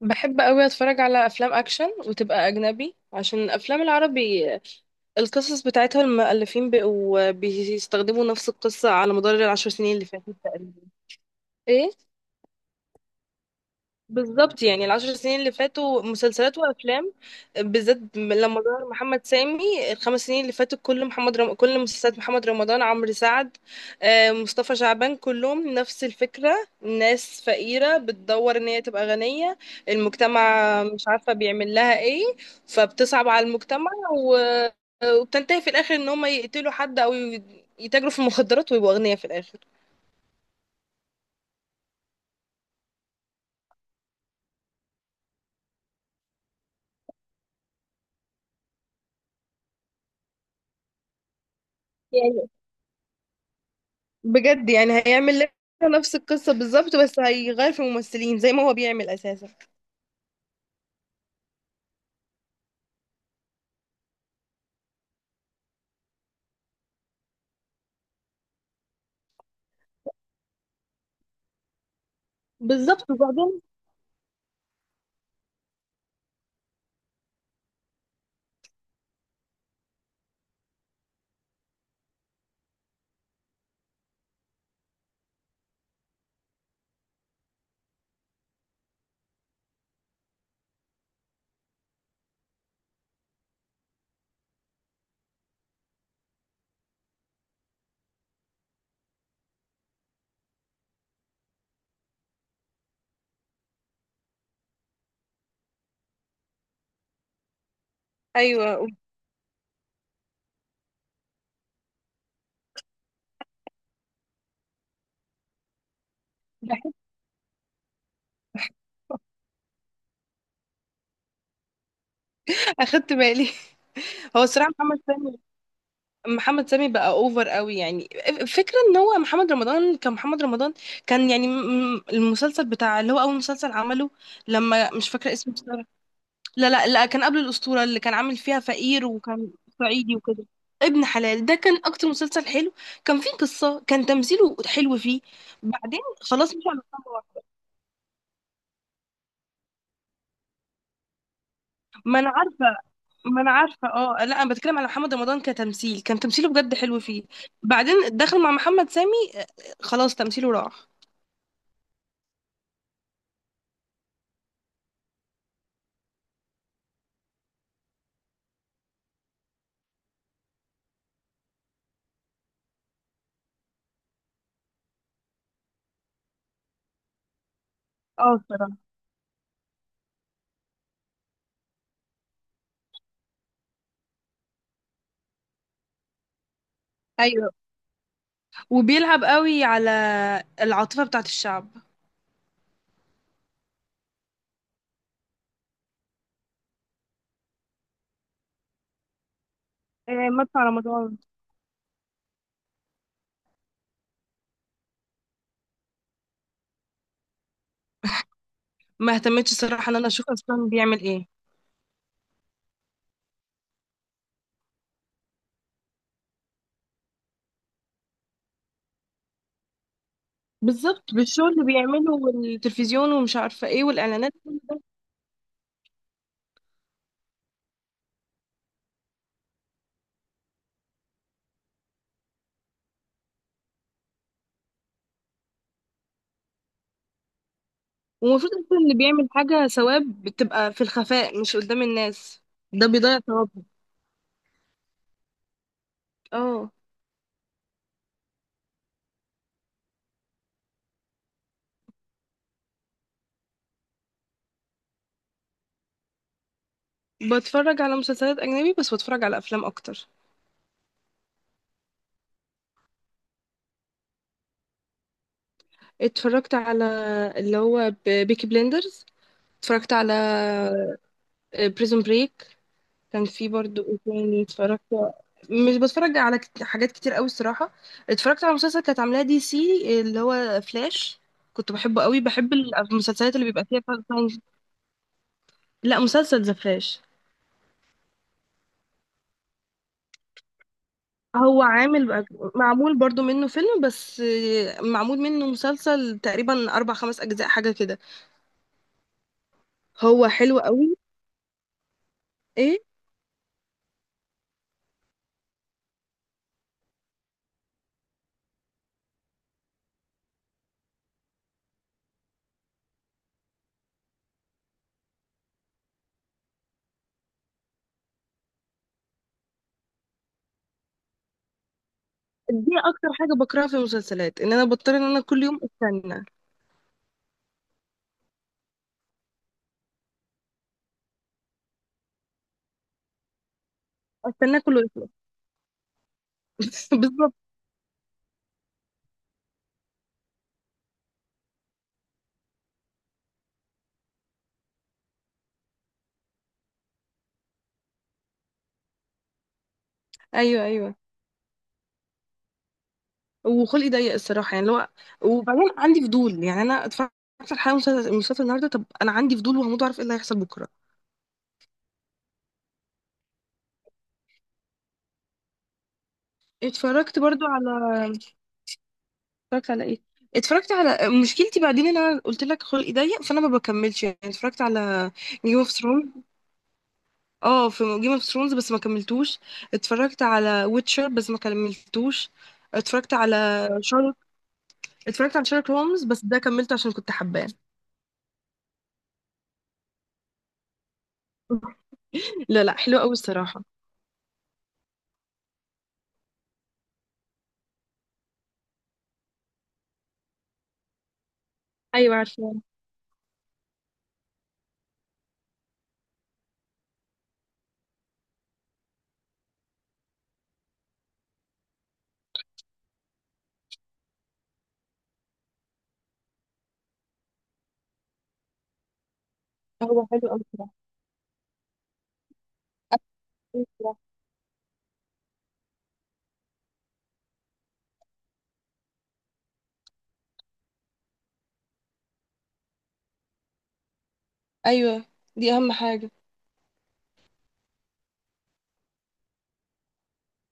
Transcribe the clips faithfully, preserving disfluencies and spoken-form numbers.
بحب قوي اتفرج على افلام اكشن وتبقى اجنبي، عشان الافلام العربي القصص بتاعتها المؤلفين بقوا بيستخدموا نفس القصة على مدار العشر سنين اللي فاتت تقريبا. ايه. بالظبط، يعني العشر سنين اللي فاتوا مسلسلات وافلام، بالذات لما ظهر محمد سامي الخمس سنين اللي فاتوا، كل محمد رم... كل مسلسلات محمد رمضان، عمرو سعد، آه، مصطفى شعبان، كلهم نفس الفكرة. ناس فقيرة بتدور ان هي تبقى غنية. المجتمع مش عارفة بيعمل لها ايه، فبتصعب على المجتمع، و... وبتنتهي في الاخر ان هم يقتلوا حد، او ي- يتاجروا في المخدرات ويبقوا اغنياء في الاخر. بجد، يعني هيعمل لنا نفس القصة بالظبط، بس هيغير في الممثلين زي ما هو بيعمل أساسا. بالظبط وبعدين. أيوه. بحس- أخدت بالي. هو الصراحة محمد سامي محمد سامي بقى أوفر قوي، يعني فكرة إن هو محمد رمضان كان محمد رمضان كان يعني م- م- المسلسل بتاع اللي هو أول مسلسل عمله، لما مش فاكرة اسمه بصراحة. لا، لا، لا، كان قبل الأسطورة اللي كان عامل فيها فقير وكان صعيدي وكده. ابن حلال ده كان أكتر مسلسل حلو، كان فيه قصة، كان تمثيله حلو فيه. بعدين خلاص مش على الأسطورة. ما أنا عارفة ما أنا عارفة اه، لا، أنا بتكلم على محمد رمضان كتمثيل، كان تمثيله بجد حلو فيه. بعدين دخل مع محمد سامي، آه، خلاص تمثيله راح. اه، الصراحة. ايوه، وبيلعب قوي على العاطفة بتاعت الشعب. إيه، مدفع رمضان. ما اهتمتش الصراحة ان انا اشوف اصلا بيعمل ايه. بالظبط، بالشغل اللي بيعمله والتلفزيون ومش عارفة ايه والإعلانات. ومفروض أصلا اللي بيعمل حاجة ثواب بتبقى في الخفاء، مش قدام الناس. ده بيضيع ثوابه. اه، بتفرج على مسلسلات أجنبي، بس بتفرج على أفلام أكتر. اتفرجت على، اللي هو ب- بيكي بليندرز. اتفرجت على بريزون بريك. كان في برضو ايه تاني اتفرجت. مش بتفرج على كت- حاجات كتير قوي الصراحة. اتفرجت على مسلسل كانت عاملاه دي سي، اللي هو فلاش. كنت بحبه قوي، بحب المسلسلات اللي بيبقى فيها فايت ساينس. لا، مسلسل ذا فلاش. هو عامل. معمول برضو منه فيلم، بس معمول منه مسلسل تقريبا اربع خمس اجزاء حاجة كده. هو حلو قوي. ايه. دي اكتر حاجة بكرهها في المسلسلات ان انا بضطر ان انا كل يوم استنى، استناه كله يخلص. بالظبط. ايوه، ايوه، وخلقي ضيق الصراحه، يعني اللي هو. وبعدين عندي فضول، يعني انا اتفرجت على حلقه مسلسل مسلسل النهارده. طب انا عندي فضول وهموت اعرف ايه اللي هيحصل بكره. اتفرجت برضو على اتفرجت على ايه؟ اتفرجت على مشكلتي بعدين ان انا قلت لك خلقي ضيق، فانا ما بكملش، يعني اتفرجت على جيم اوف ثرونز. اه، في جيم اوف ثرونز بس ما كملتوش. اتفرجت على ويتشر بس ما كملتوش. اتفرجت على شارلوك اتفرجت على شارلوك هولمز، بس ده كملته عشان كنت حباه. لا، لا، حلو قوي الصراحه. ايوه، عارفه. هو حلو قوي الصراحه. ايوه، دي اهم حاجه.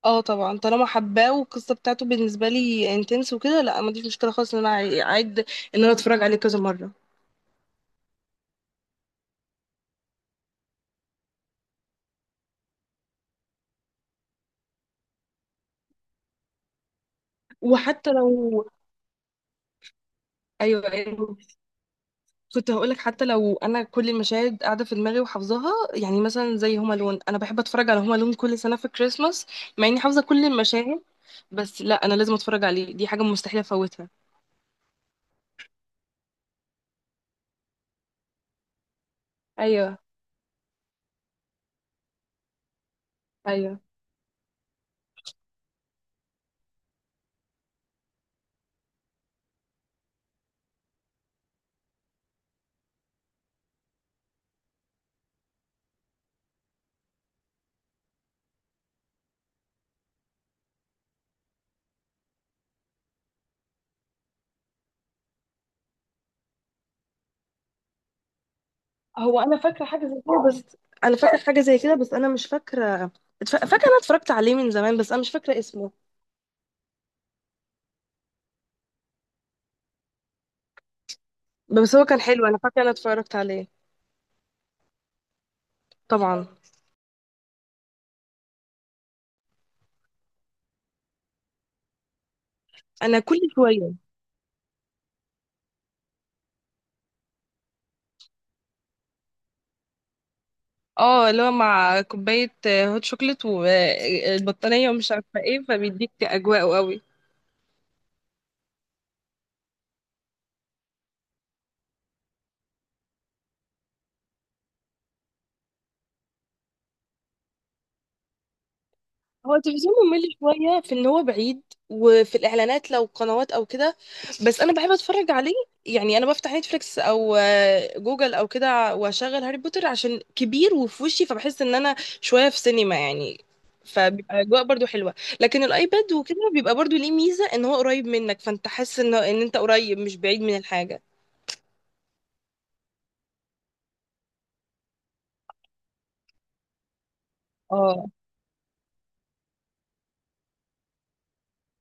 اه، طبعا طالما حباه والقصه بتاعته بالنسبه لي انتنس وكده، لا، ما عنديش مشكله خالص ان انا اعيد ان انا اتفرج عليه كذا مره. وحتى لو ايوه، أيوة. كنت هقولك، حتى لو انا كل المشاهد قاعده في دماغي وحافظاها، يعني مثلا زي هوم الون، انا بحب اتفرج على هوم الون كل سنه في كريسماس، مع اني حافظه كل المشاهد. بس لا، انا لازم اتفرج عليه، دي حاجه مستحيل افوتها. ايوه، ايوه. هو انا فاكره حاجه زي كده، بس انا فاكره حاجه زي كده بس انا مش فاكره، اتف- فاكره انا اتفرجت عليه من زمان، بس انا مش فاكره اسمه. بس هو كان حلو، انا فاكره انا اتفرجت عليه. طبعا. انا كل شويه. اه، اللي هو مع كوبايه آه، هوت شوكليت والبطانيه ومش عارفه ايه، فبيديك اجواء قوي. هو التلفزيون ممل شوية في ان هو بعيد، وفي الاعلانات لو قنوات او كده. بس انا بحب اتفرج عليه. يعني انا بفتح نتفليكس او آه، جوجل او كده، واشغل هاري بوتر عشان كبير وفي وشي، فبحس ان انا شوية في سينما يعني. فبيبقى اجواء برضو حلوة. لكن الايباد وكده بيبقى برضو ليه ميزة، ان هو قريب منك، فانت حاسس ان ان انت قريب، مش بعيد من الحاجة. اه.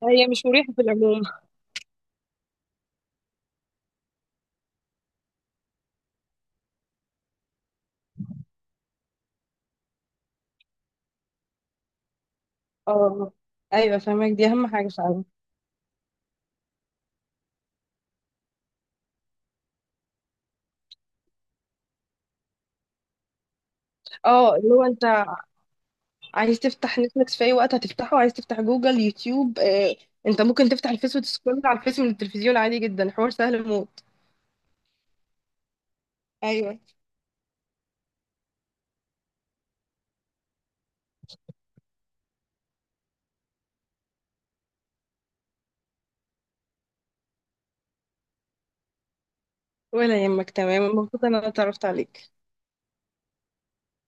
هي مش مريحة في العموم. اه، ايوه، فاهمك. دي اهم حاجة فعلا. اه، اللي هو انت عايز تفتح نتفليكس في اي وقت هتفتحه، عايز تفتح جوجل، يوتيوب، آه، انت ممكن تفتح الفيس وتسكرول على الفيس من التلفزيون عادي جدا، حوار سهل موت. ايوه. ولا يهمك. تمام، مبسوطه إن انا اتعرفت عليك.